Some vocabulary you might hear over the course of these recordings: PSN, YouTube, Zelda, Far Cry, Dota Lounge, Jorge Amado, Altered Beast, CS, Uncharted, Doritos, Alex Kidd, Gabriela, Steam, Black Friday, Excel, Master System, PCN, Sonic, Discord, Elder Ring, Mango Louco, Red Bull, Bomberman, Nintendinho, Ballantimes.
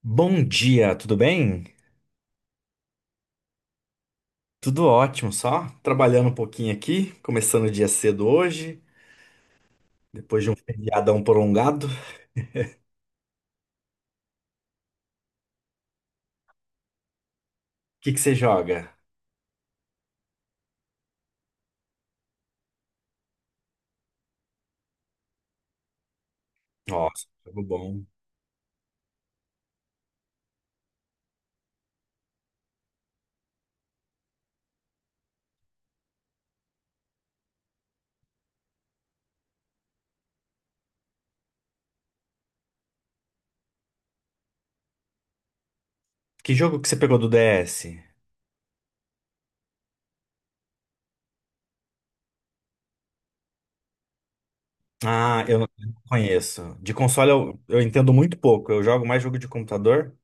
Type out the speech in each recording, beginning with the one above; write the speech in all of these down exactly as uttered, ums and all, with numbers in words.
Bom dia, tudo bem? Tudo ótimo, só trabalhando um pouquinho aqui, começando o dia cedo hoje, depois de um feriadão prolongado. O que que você joga? Nossa, jogo bom. Que jogo que você pegou do D S? Ah, eu não conheço. De console eu, eu entendo muito pouco, eu jogo mais jogo de computador.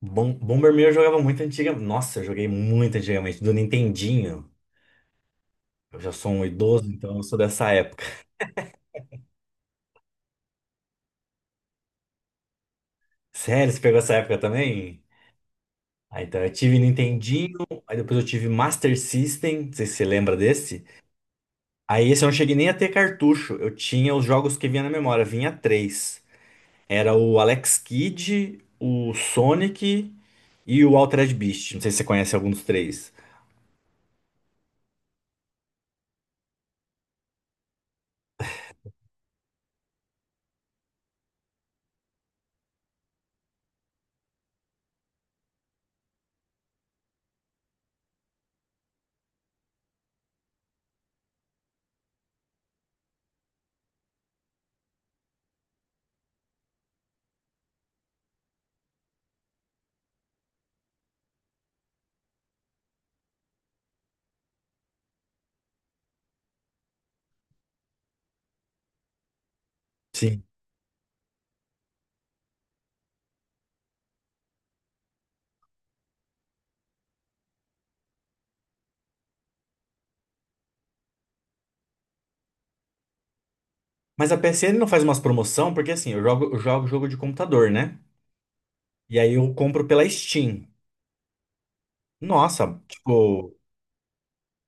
Bom, Bomberman eu jogava muito antiga. Nossa, eu joguei muito antigamente, do Nintendinho. Eu já sou um idoso, então eu sou dessa época. Sério, você pegou essa época também? Ah, então eu tive Nintendinho, aí depois eu tive Master System, não sei se você lembra desse. Aí esse eu não cheguei nem a ter cartucho, eu tinha os jogos que vinha na memória, vinha três. Era o Alex Kidd, o Sonic e o Altered Beast, não sei se você conhece algum dos três. Sim. Mas a P S N não faz umas promoção, porque assim, eu jogo, eu jogo jogo de computador, né? E aí eu compro pela Steam. Nossa, tipo,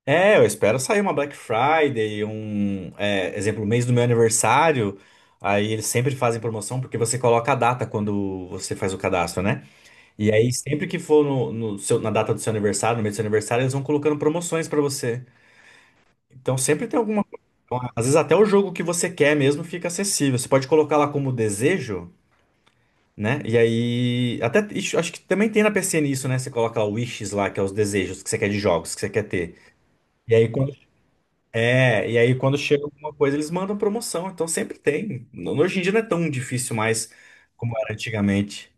é, eu espero sair uma Black Friday, um, é, exemplo, mês do meu aniversário. Aí eles sempre fazem promoção porque você coloca a data quando você faz o cadastro, né? E aí sempre que for no, no seu- na data do seu aniversário, no mês do seu aniversário, eles vão colocando promoções pra você. Então sempre tem alguma coisa. Então, às vezes até o jogo que você quer mesmo fica acessível. Você pode colocar lá como desejo, né? E aí até ixi, acho que também tem na P C N isso, né? Você coloca lá o wishes lá, que é os desejos que você quer de jogos que você quer ter. E aí, quando É, e aí quando chega alguma coisa, eles mandam promoção, então sempre tem. No- Hoje em dia não é tão difícil mais como era antigamente.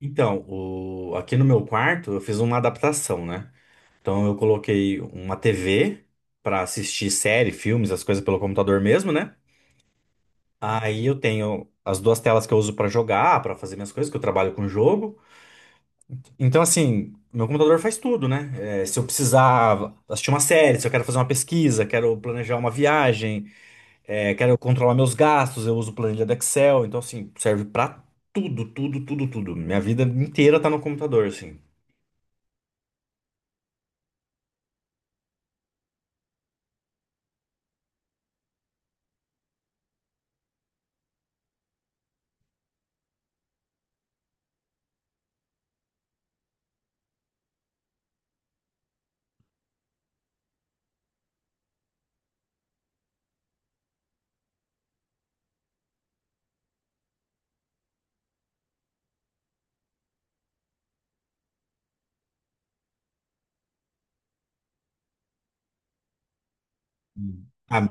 Então, o- aqui no meu quarto eu fiz uma adaptação, né? Então eu coloquei uma T V para assistir série, filmes, as coisas pelo computador mesmo, né? Aí eu tenho as duas telas que eu uso para jogar, para fazer minhas coisas, que eu trabalho com jogo. Então, assim, meu computador faz tudo, né? É, se eu precisar assistir uma série, se eu quero fazer uma pesquisa, quero planejar uma viagem. É, quero controlar meus gastos, eu uso planilha do Excel, então assim, serve pra tudo, tudo, tudo, tudo. Minha vida inteira tá no computador, assim. Hum. A,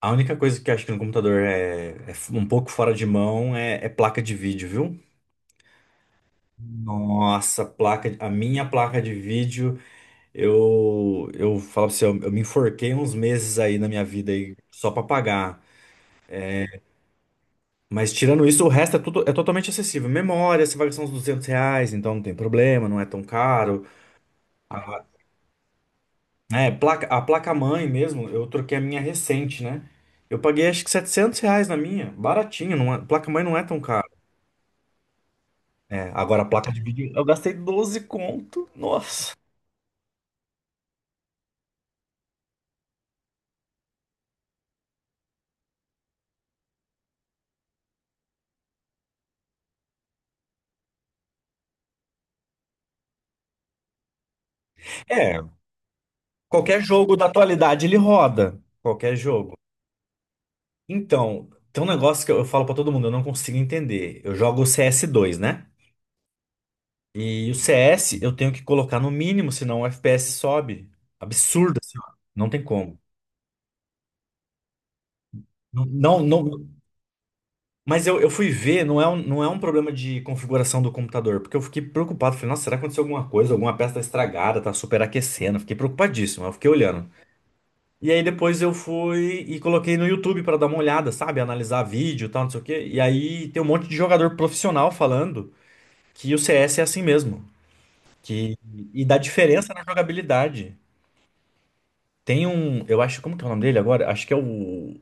a única coisa que eu acho que no computador é, é f- um pouco fora de mão é, é placa de vídeo, viu? Nossa, placa, a minha placa de vídeo, eu eu falo pra você, eu, eu me enforquei uns meses aí na minha vida aí só pra pagar. Mas tirando isso, o resto é tudo é totalmente acessível. Memória, você vai gastar uns duzentos reais, então não tem problema, não é tão caro. Ah, é, placa, a placa-mãe mesmo, eu troquei a minha recente, né? Eu paguei acho que setecentos reais na minha, baratinho, não é- placa-mãe não é tão cara. É, agora a placa de vídeo, eu gastei doze conto, nossa. É, qualquer jogo da atualidade ele roda, qualquer jogo. Então, tem um negócio que eu, eu falo pra todo mundo, eu não consigo entender. Eu jogo o C S dois, né? E o C S eu tenho que colocar no mínimo, senão o F P S sobe. Absurdo, assim, não tem como. Não, não, não. Mas eu, eu fui ver, não é um, não é um problema de configuração do computador, porque eu fiquei preocupado. Falei, nossa, será que aconteceu alguma coisa? Alguma peça tá estragada, tá superaquecendo. Fiquei preocupadíssimo, eu fiquei olhando. E aí depois eu fui e coloquei no YouTube pra dar uma olhada, sabe? Analisar vídeo e tal, não sei o quê. E aí tem um monte de jogador profissional falando que o C S é assim mesmo. Que, e dá diferença na jogabilidade. Tem um, eu acho, como que é o nome dele agora? Acho que é o.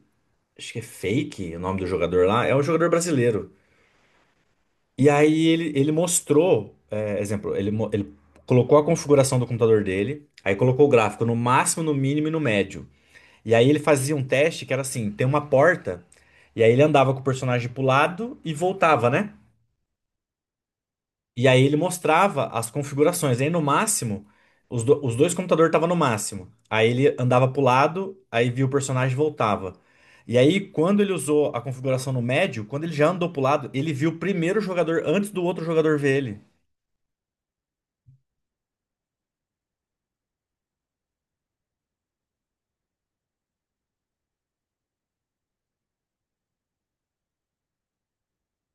Acho que é Fake o nome do jogador lá. É um jogador brasileiro. E aí ele, ele mostrou, é, exemplo, ele, mo- ele colocou a configuração do computador dele, aí colocou o gráfico no máximo, no mínimo e no médio. E aí ele fazia um teste que era assim, tem uma porta, e aí ele andava com o personagem pro lado e voltava, né? E aí ele mostrava as configurações. Aí no máximo, os, do- os dois computadores estavam no máximo. Aí ele andava pro lado, aí via o personagem e voltava. E aí, quando ele usou a configuração no médio, quando ele já andou pro lado, ele viu primeiro o jogador antes do outro jogador ver ele.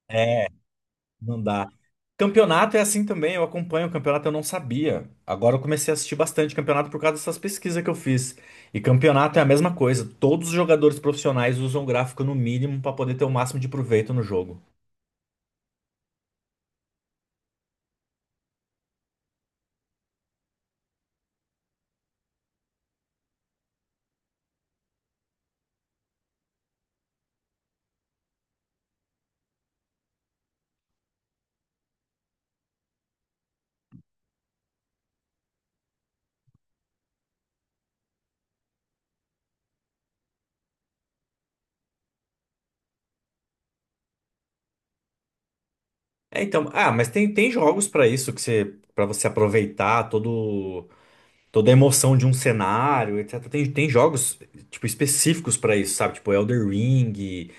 É, não dá. Campeonato é assim também, eu acompanho o campeonato, eu não sabia. Agora eu comecei a assistir bastante campeonato por causa dessas pesquisas que eu fiz. E campeonato é a mesma coisa, todos os jogadores profissionais usam gráfico no mínimo para poder ter o máximo de proveito no jogo. É, então, ah, mas tem, tem jogos para isso que você para você aproveitar todo toda a emoção de um cenário, et cetera. Tem, tem jogos tipo específicos para isso, sabe? Tipo Elder Ring,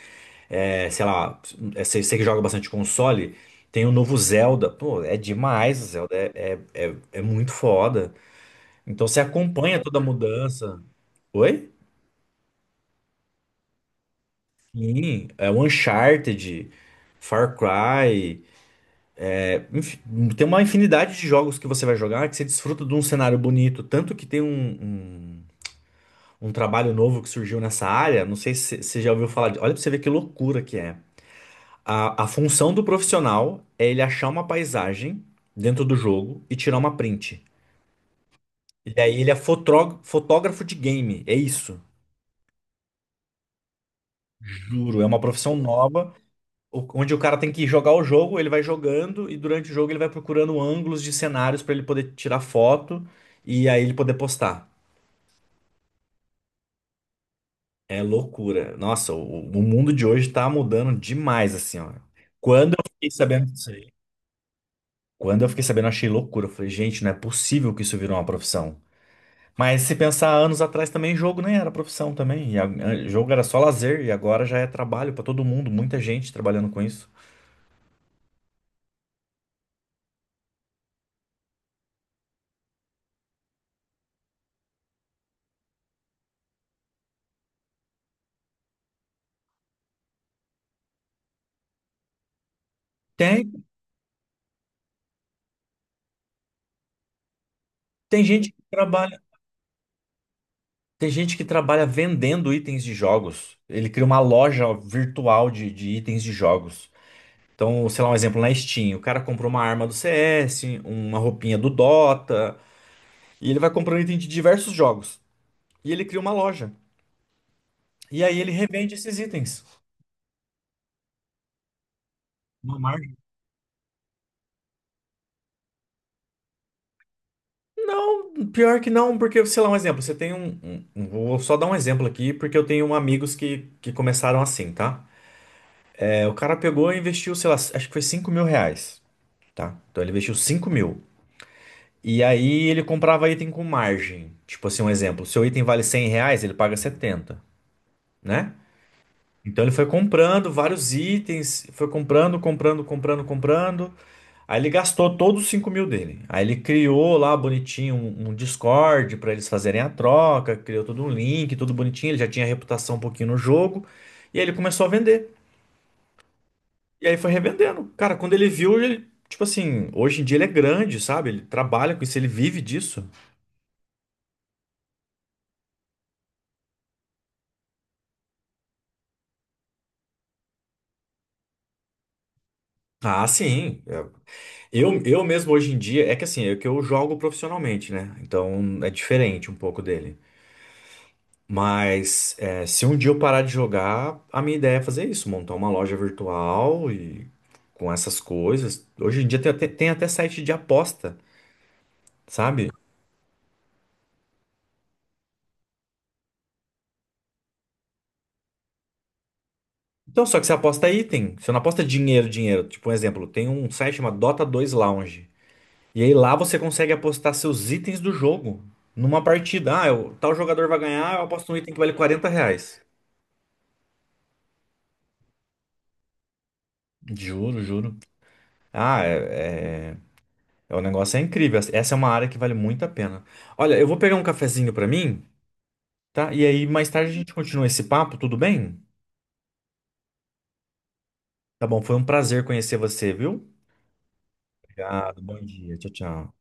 é, sei lá, você que joga bastante console, tem o novo Zelda. Pô, é demais, o Zelda é, é, é muito foda. Então você acompanha toda a mudança. Oi? Sim, é o Uncharted, Far Cry, é, enfim, tem uma infinidade de jogos que você vai jogar que você desfruta de um cenário bonito, tanto que tem um, um, um trabalho novo que surgiu nessa área, não sei se você já ouviu falar, de- olha pra você ver que loucura que é. A, a função do profissional é ele achar uma paisagem dentro do jogo e tirar uma print. E daí ele é fotró- fotógrafo de game, é isso. Juro, é uma profissão nova, o- onde o cara tem que jogar o jogo, ele vai jogando e durante o jogo ele vai procurando ângulos de cenários para ele poder tirar foto e aí ele poder postar. É loucura. Nossa, o, o mundo de hoje tá mudando demais, assim, ó. Quando eu fiquei sabendo disso aí, quando eu fiquei sabendo, eu achei loucura. Eu falei, gente, não é possível que isso virou uma profissão. Mas se pensar anos atrás também, jogo nem era profissão também. E a- a- jogo era só lazer e agora já é trabalho para todo mundo, muita gente trabalhando com isso. Tem, tem gente que trabalha, tem gente que trabalha vendendo itens de jogos. Ele cria uma loja virtual de, de itens de jogos. Então, sei lá, um exemplo na Steam, o cara comprou uma arma do C S, uma roupinha do Dota, e ele vai comprando item de diversos jogos. E ele cria uma loja. E aí ele revende esses itens. Uma marca. Não, pior que não, porque, sei lá, um exemplo, você tem um. um- um- Vou só dar um exemplo aqui, porque eu tenho amigos que, que começaram assim, tá? É, o cara pegou e investiu, sei lá, acho que foi cinco mil reais, tá? Então ele investiu cinco mil. E aí ele comprava item com margem. Tipo assim, um exemplo, seu item vale cem reais, ele paga setenta, né? Então ele foi comprando vários itens, foi comprando, comprando, comprando, comprando. Aí ele gastou todos os cinco mil dele. Aí ele criou lá bonitinho um, um Discord para eles fazerem a troca, criou todo um link, tudo bonitinho. Ele já tinha reputação um pouquinho no jogo. E aí ele começou a vender. E aí foi revendendo. Cara, quando ele viu, ele, tipo assim, hoje em dia ele é grande, sabe? Ele trabalha com isso, ele vive disso. Ah, sim. É. Eu, eu mesmo hoje em dia, é que assim, é que eu jogo profissionalmente, né? Então é diferente um pouco dele. Mas é, se um dia eu parar de jogar, a minha ideia é fazer isso, montar uma loja virtual e com essas coisas. Hoje em dia tem até, tem até site de aposta, sabe? Então, só que você aposta item, você não aposta dinheiro, dinheiro. Tipo, um exemplo, tem um site chamado Dota dois Lounge. E aí lá você consegue apostar seus itens do jogo numa partida. Ah, eu- tal jogador vai ganhar, eu aposto um item que vale quarenta reais. Juro, juro. Ah, é. é- O negócio é incrível. Essa é uma área que vale muito a pena. Olha, eu vou pegar um cafezinho pra mim, tá? E aí mais tarde a gente continua esse papo, tudo bem? Tá bom, foi um prazer conhecer você, viu? Obrigado, bom dia. Tchau, tchau.